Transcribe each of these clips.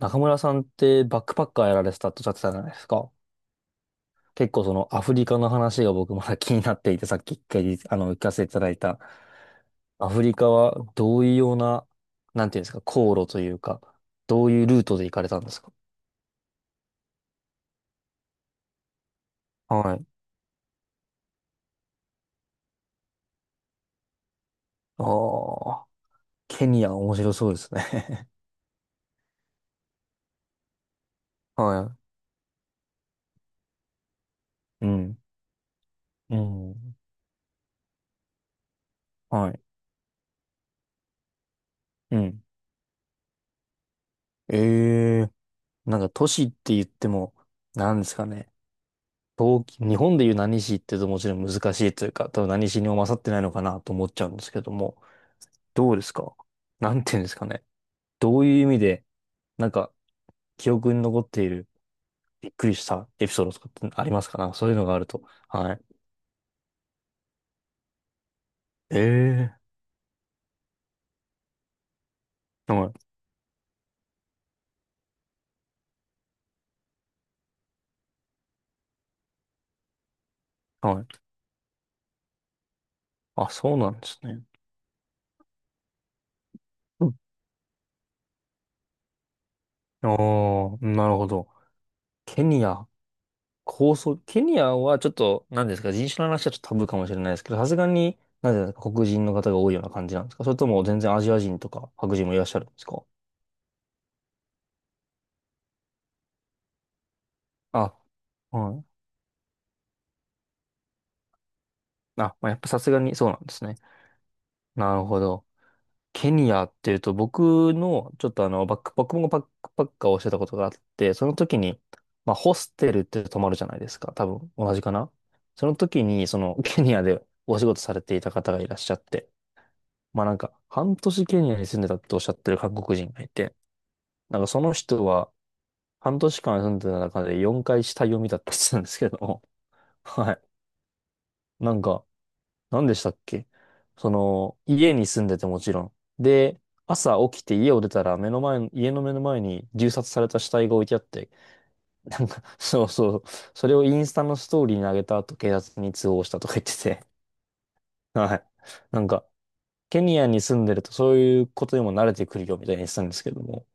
中村さんってバックパッカーやられてたっておっしゃってたじゃないですか。結構そのアフリカの話が僕まだ気になっていて、さっき一回聞かせていただいた。アフリカはどういうような、なんていうんですか、航路というか、どういうルートで行かれたんですか？はい。ああ、ケニア面白そうですね。はい。うん。うん。はい。うん。ええ、なんか都市って言っても、なんですかね。東京、日本でいう何市って言うともちろん難しいというか、多分何市にも勝ってないのかなと思っちゃうんですけども、どうですか？なんていうんですかね。どういう意味で、なんか、記憶に残っている、びっくりしたエピソードとかってありますか？なんかそういうのがあると。はい。ええー、はい。はい。あ、そうなんですね。うん。ああ、なるほど。ケニア。構想、ケニアはちょっと、何ですか、人種の話はちょっとタブーかもしれないですけど、さすがに、なんていうんですか、黒人の方が多いような感じなんですか？それとも全然アジア人とか白人もいらっしゃるんですか？あ、はい。あ、まあ、やっぱさすがにそうなんですね。なるほど。ケニアっていうと、僕の、ちょっとあの、バック、僕もバックパッカーをしてたことがあって、その時に、まあ、ホステルって泊まるじゃないですか。多分、同じかな？その時に、その、ケニアでお仕事されていた方がいらっしゃって、まあなんか、半年ケニアに住んでたっておっしゃってる韓国人がいて、なんかその人は、半年間住んでた中で4回死体を見たって言ってたんですけども、はい。なんか、何でしたっけ？その、家に住んでてもちろん。で、朝起きて家を出たら目の前の、家の目の前に銃殺された死体が置いてあって、なんか、そうそう、それをインスタのストーリーに上げた後、警察に通報したとか言ってて、はい。なんか、ケニアに住んでるとそういうことにも慣れてくるよみたいに言ってたんですけども、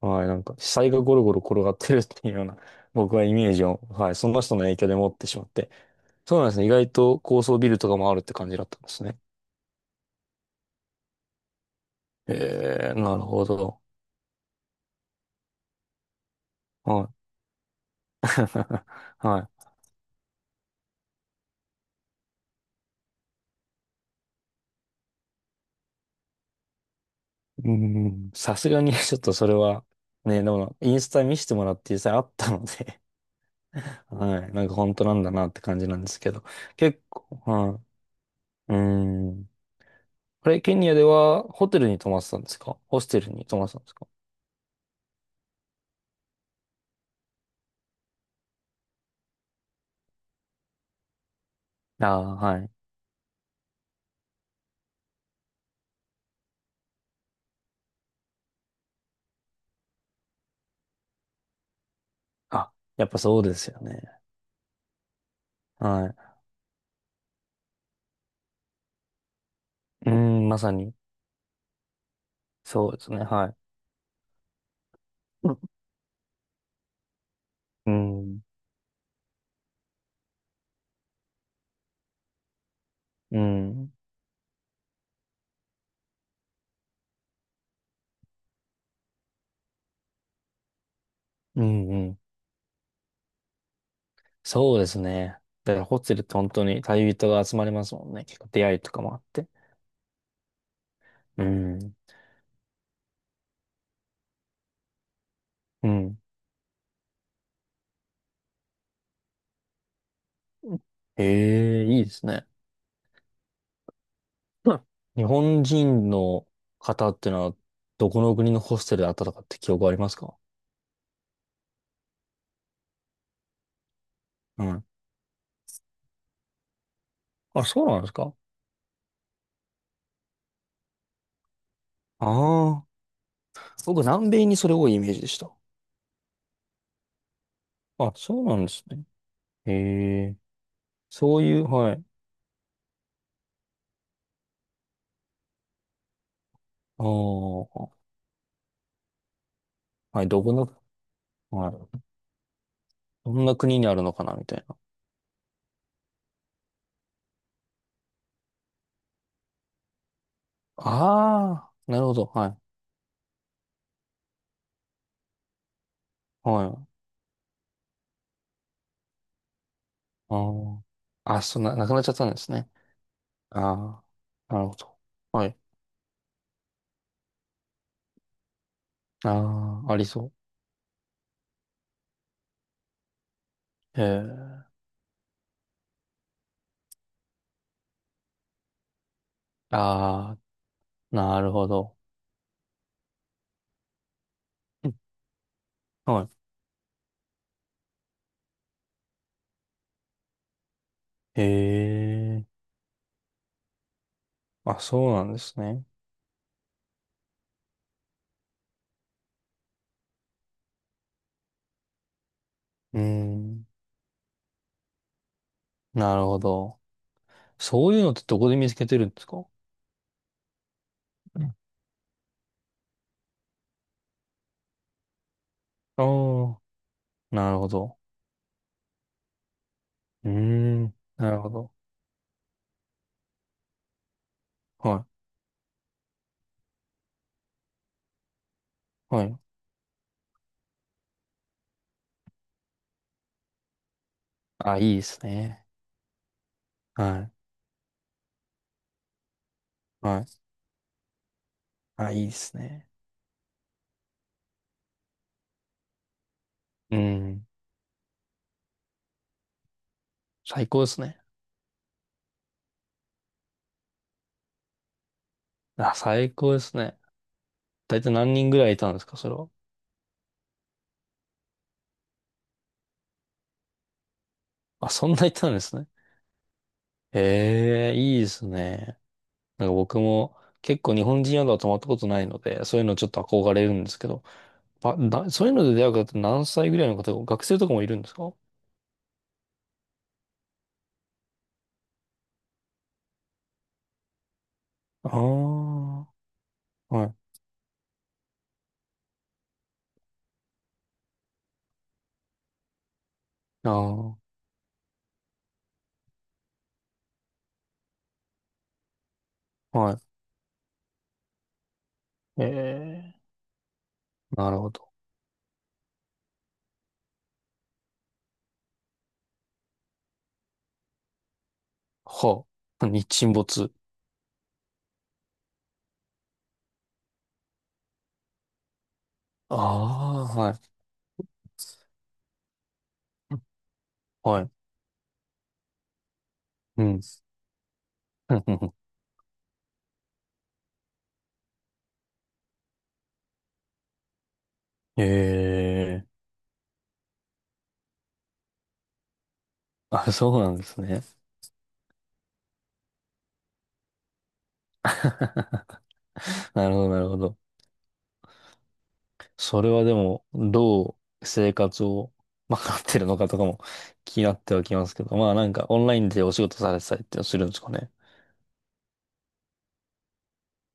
はい、なんか、死体がゴロゴロ転がってるっていうような、僕はイメージを、はい、その人の影響で持ってしまって。そうなんですね。意外と高層ビルとかもあるって感じだったんですね。えー、なるほど。はい。はい。うん、さすがに ちょっとそれは、ね、でも、インスタ見せてもらって実際あったので はい、なんか本当なんだなって感じなんですけど。結構、はい。うん。これ、ケニアではホテルに泊まってたんですか？ホステルに泊まってたんですか？ああー、はい。あ、やっぱそうですよね。はい。うん、まさに。そうですね。はい。うん。うん。うん。うん、そうですね。だからホテルって本当に旅人が集まりますもんね。結構出会いとかもあって。うん。うん。ええ、いいですね。うん、日本人の方ってのは、どこの国のホステルで会ったとかって記憶ありますか？うん。あ、そうなんですか？ああー。僕、南米にそれ多いイメージでした。あ、そうなんですね。へ、そういう、はい。ああ、はい、どこの、はい。どんな国にあるのかな、みたいな。ああ、なるほど、はい。はい。ああ。あ、そんな、なくなっちゃったんですね。ああ、なるほど。はい。ああ、ありそう。へえ。ああ、なるほど。うん、はい。へえ。あ、そうなんですね。うーん。なるほど。そういうのってどこで見つけてるんですか？うん、ああー、なるほど。うーん。なるほど。はい。はい。あ、いいですね。はい。はい。あ、いいですね。うん。最高ですね。あ、最高ですね。大体何人ぐらいいたんですか、それは。あ、そんないたんですね。ええ、いいですね。なんか僕も結構日本人宿は泊まったことないので、そういうのちょっと憧れるんですけど、ばだ、そういうので出会う方って何歳ぐらいの方が、学生とかもいるんですか？ああー、はい。ああ、はい。ええ、なるほど。はあ。日沈没。ああ、はい。はい。うん。ええ、あ、そうなんですね。なるほど、なるほど。それはでも、どう生活を賄ってるのかとかも 気になってはきますけど、まあなんかオンラインでお仕事されてたりってするんですかね。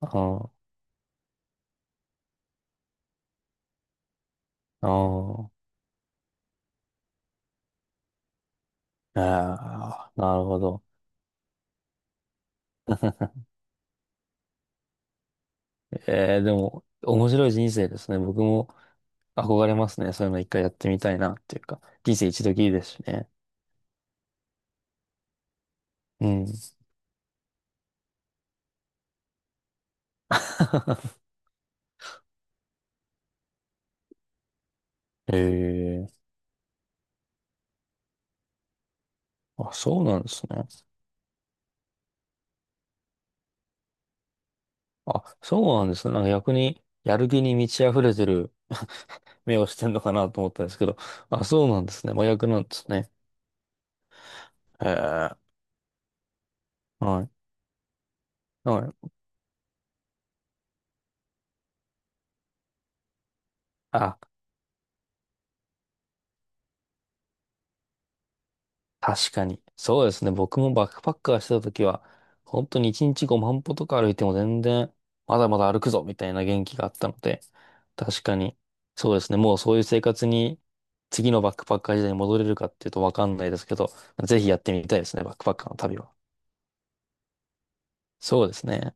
ああ、ああ、ああ、なるほど。ええでも、面白い人生ですね。僕も憧れますね。そういうの一回やってみたいなっていうか、人生一度きりですしね。うん。ええ、あ、そうなんですね。あ、そうなんですね。なんか逆に、やる気に満ち溢れてる 目をしてんのかなと思ったんですけど、あ、そうなんですね。真逆なんですね。へえ、はい。はい。あ、確かに。そうですね。僕もバックパッカーしてた時は、本当に1日5万歩とか歩いても全然、まだまだ歩くぞみたいな元気があったので、確かに、そうですね。もうそういう生活に、次のバックパッカー時代に戻れるかっていうとわかんないですけど、ぜひやってみたいですね。バックパッカーの旅は。そうですね。